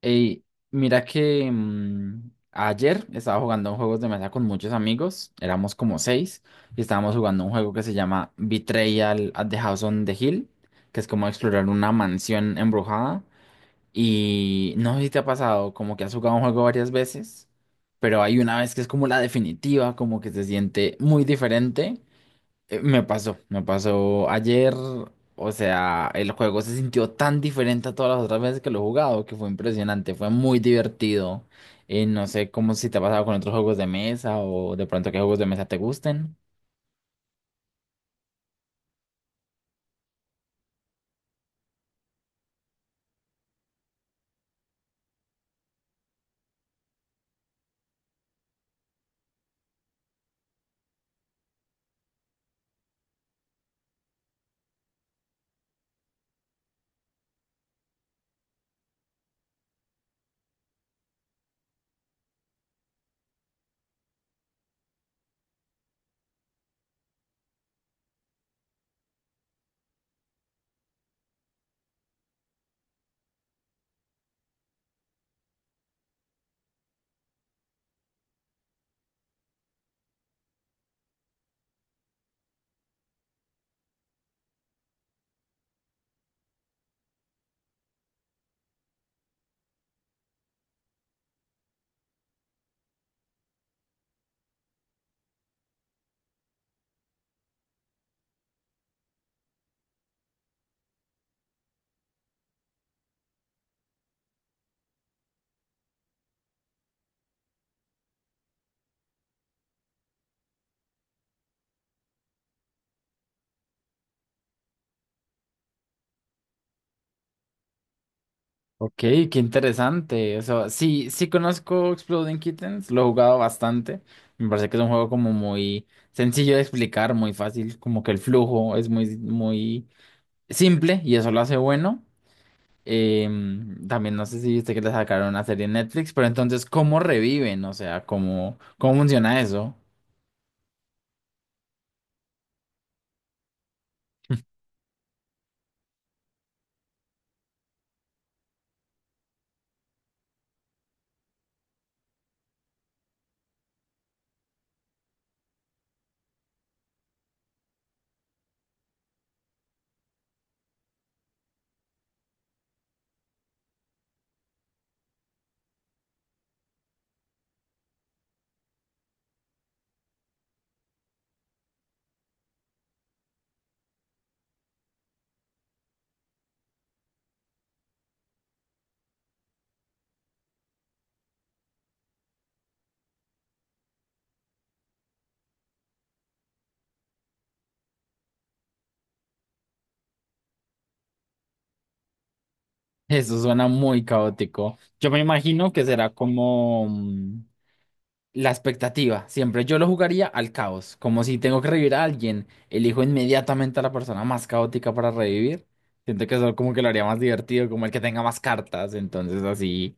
Ey, mira que ayer estaba jugando juegos de mesa con muchos amigos, éramos como 6, y estábamos jugando un juego que se llama Betrayal at the House on the Hill, que es como explorar una mansión embrujada. Y no sé si te ha pasado, como que has jugado un juego varias veces, pero hay una vez que es como la definitiva, como que se siente muy diferente. Me pasó, me pasó ayer, o sea, el juego se sintió tan diferente a todas las otras veces que lo he jugado, que fue impresionante, fue muy divertido. Y no sé cómo si te ha pasado con otros juegos de mesa o de pronto qué juegos de mesa te gusten. Ok, qué interesante. O sea, sí, sí conozco Exploding Kittens, lo he jugado bastante. Me parece que es un juego como muy sencillo de explicar, muy fácil, como que el flujo es muy simple y eso lo hace bueno. También no sé si viste que le sacaron una serie en Netflix, pero entonces, ¿cómo reviven? O sea, ¿cómo, cómo funciona eso? Eso suena muy caótico. Yo me imagino que será como la expectativa. Siempre yo lo jugaría al caos, como si tengo que revivir a alguien, elijo inmediatamente a la persona más caótica para revivir. Siento que eso como que lo haría más divertido, como el que tenga más cartas, entonces así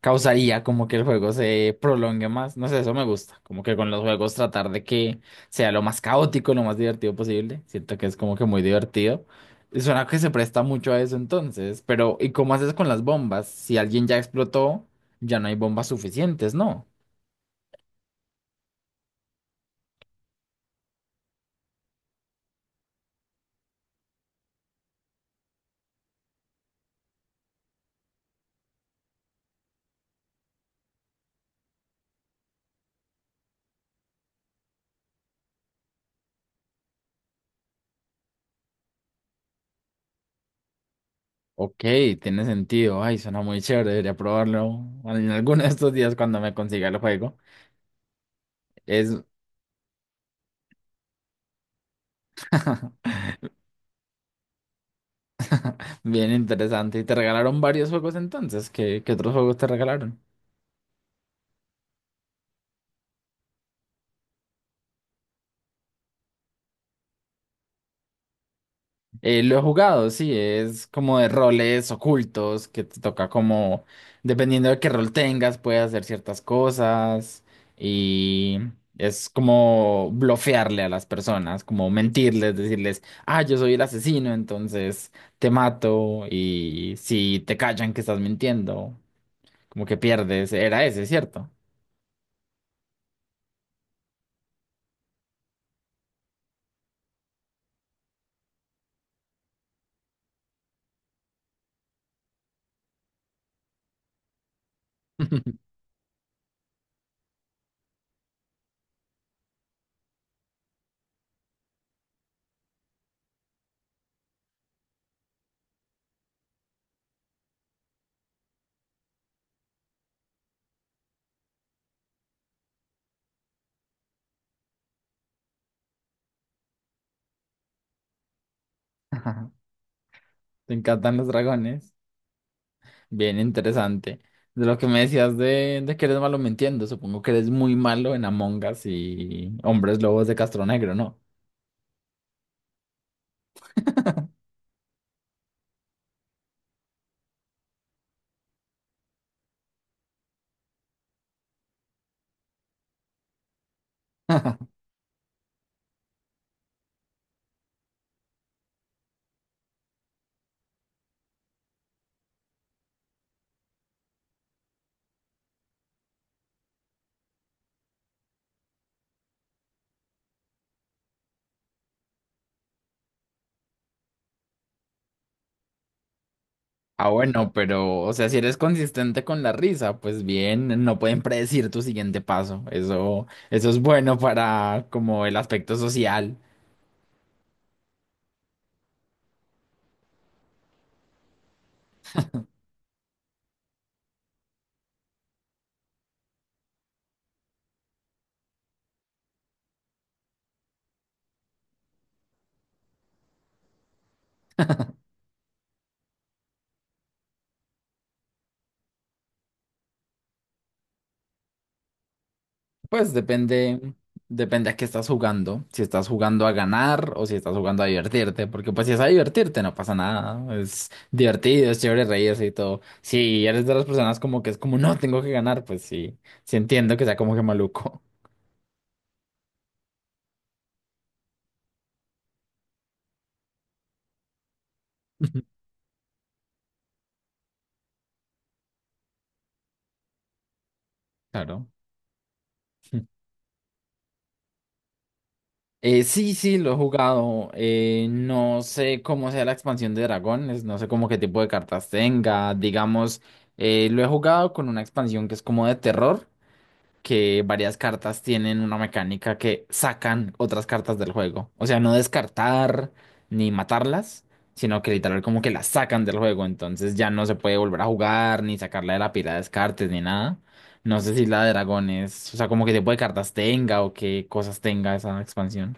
causaría como que el juego se prolongue más. No sé, eso me gusta. Como que con los juegos tratar de que sea lo más caótico, lo más divertido posible. Siento que es como que muy divertido. Y suena que se presta mucho a eso entonces. Pero, ¿y cómo haces con las bombas? Si alguien ya explotó, ya no hay bombas suficientes, ¿no? Ok, tiene sentido. Ay, suena muy chévere. Debería probarlo en alguno de estos días cuando me consiga el juego. Es bien interesante. ¿Y te regalaron varios juegos entonces? ¿Qué otros juegos te regalaron? Lo he jugado, sí, es como de roles ocultos que te toca como, dependiendo de qué rol tengas, puedes hacer ciertas cosas y es como blofearle a las personas, como mentirles, decirles, ah, yo soy el asesino, entonces te mato y si te callan que estás mintiendo, como que pierdes, era ese, ¿cierto? Te encantan los dragones. Bien interesante. De lo que me decías de que eres malo mintiendo, supongo que eres muy malo en Among Us y Hombres Lobos de Castro Negro, ¿no? Ah, bueno, pero, o sea, si eres consistente con la risa, pues bien, no pueden predecir tu siguiente paso. Eso es bueno para como el aspecto social. Pues depende, depende a qué estás jugando. Si estás jugando a ganar o si estás jugando a divertirte, porque pues si es a divertirte no pasa nada. Es divertido, es chévere reírse y todo. Si eres de las personas como que es como, no, tengo que ganar, pues sí, sí entiendo que sea como que maluco. Claro. Sí, sí, lo he jugado. No sé cómo sea la expansión de dragones, no sé cómo qué tipo de cartas tenga. Digamos, lo he jugado con una expansión que es como de terror, que varias cartas tienen una mecánica que sacan otras cartas del juego. O sea, no descartar ni matarlas, sino que literal como que las sacan del juego. Entonces ya no se puede volver a jugar, ni sacarla de la pila de descartes, ni nada. No sé si la de dragones, o sea, como que tipo de cartas tenga o qué cosas tenga esa expansión.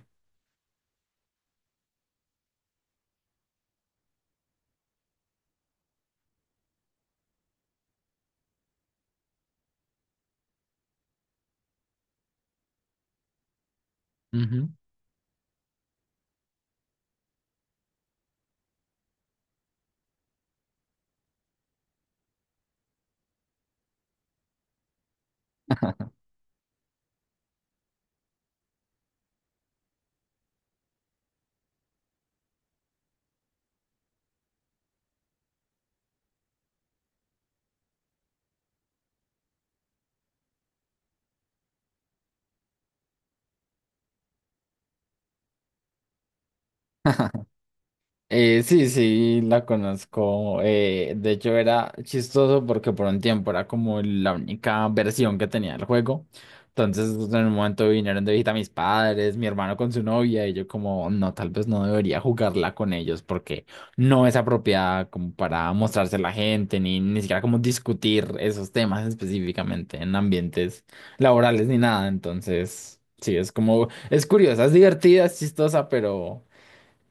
Sí, sí, la conozco. De hecho, era chistoso porque por un tiempo era como la única versión que tenía el juego. Entonces, en un momento vinieron de visita mis padres, mi hermano con su novia, y yo como, no, tal vez no debería jugarla con ellos porque no es apropiada como para mostrarse a la gente, ni, ni siquiera como discutir esos temas específicamente en ambientes laborales ni nada. Entonces, sí, es como, es curiosa, es divertida, es chistosa, pero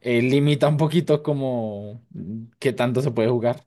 limita un poquito como qué tanto se puede jugar.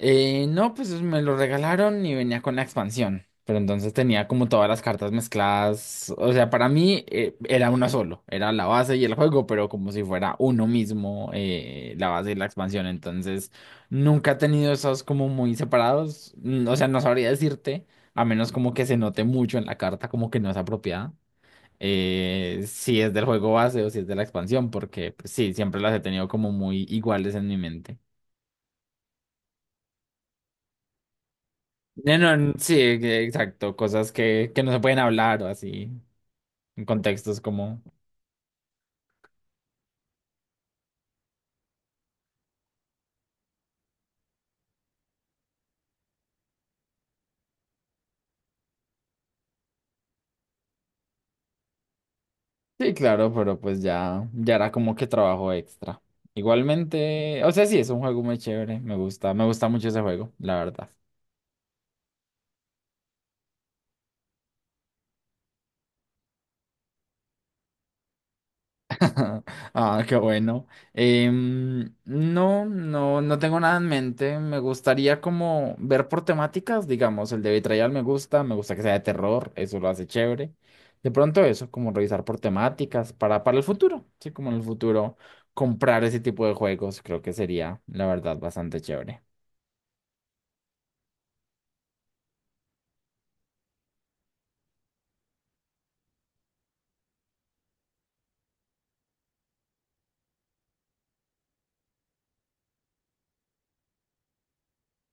No, pues me lo regalaron y venía con la expansión, pero entonces tenía como todas las cartas mezcladas. O sea, para mí era uno solo, era la base y el juego, pero como si fuera uno mismo, la base y la expansión. Entonces nunca he tenido esos como muy separados. O sea, no sabría decirte, a menos como que se note mucho en la carta como que no es apropiada, si es del juego base o si es de la expansión, porque pues, sí, siempre las he tenido como muy iguales en mi mente. No, no, sí, exacto, cosas que no se pueden hablar o así, en contextos como... Sí, claro, pero pues ya, ya era como que trabajo extra. Igualmente, o sea, sí, es un juego muy chévere, me gusta mucho ese juego, la verdad. Ah, qué bueno. No, no, no tengo nada en mente. Me gustaría como ver por temáticas, digamos, el de Betrayal me gusta que sea de terror, eso lo hace chévere. De pronto eso, como revisar por temáticas para el futuro, sí, como en el futuro comprar ese tipo de juegos, creo que sería, la verdad, bastante chévere.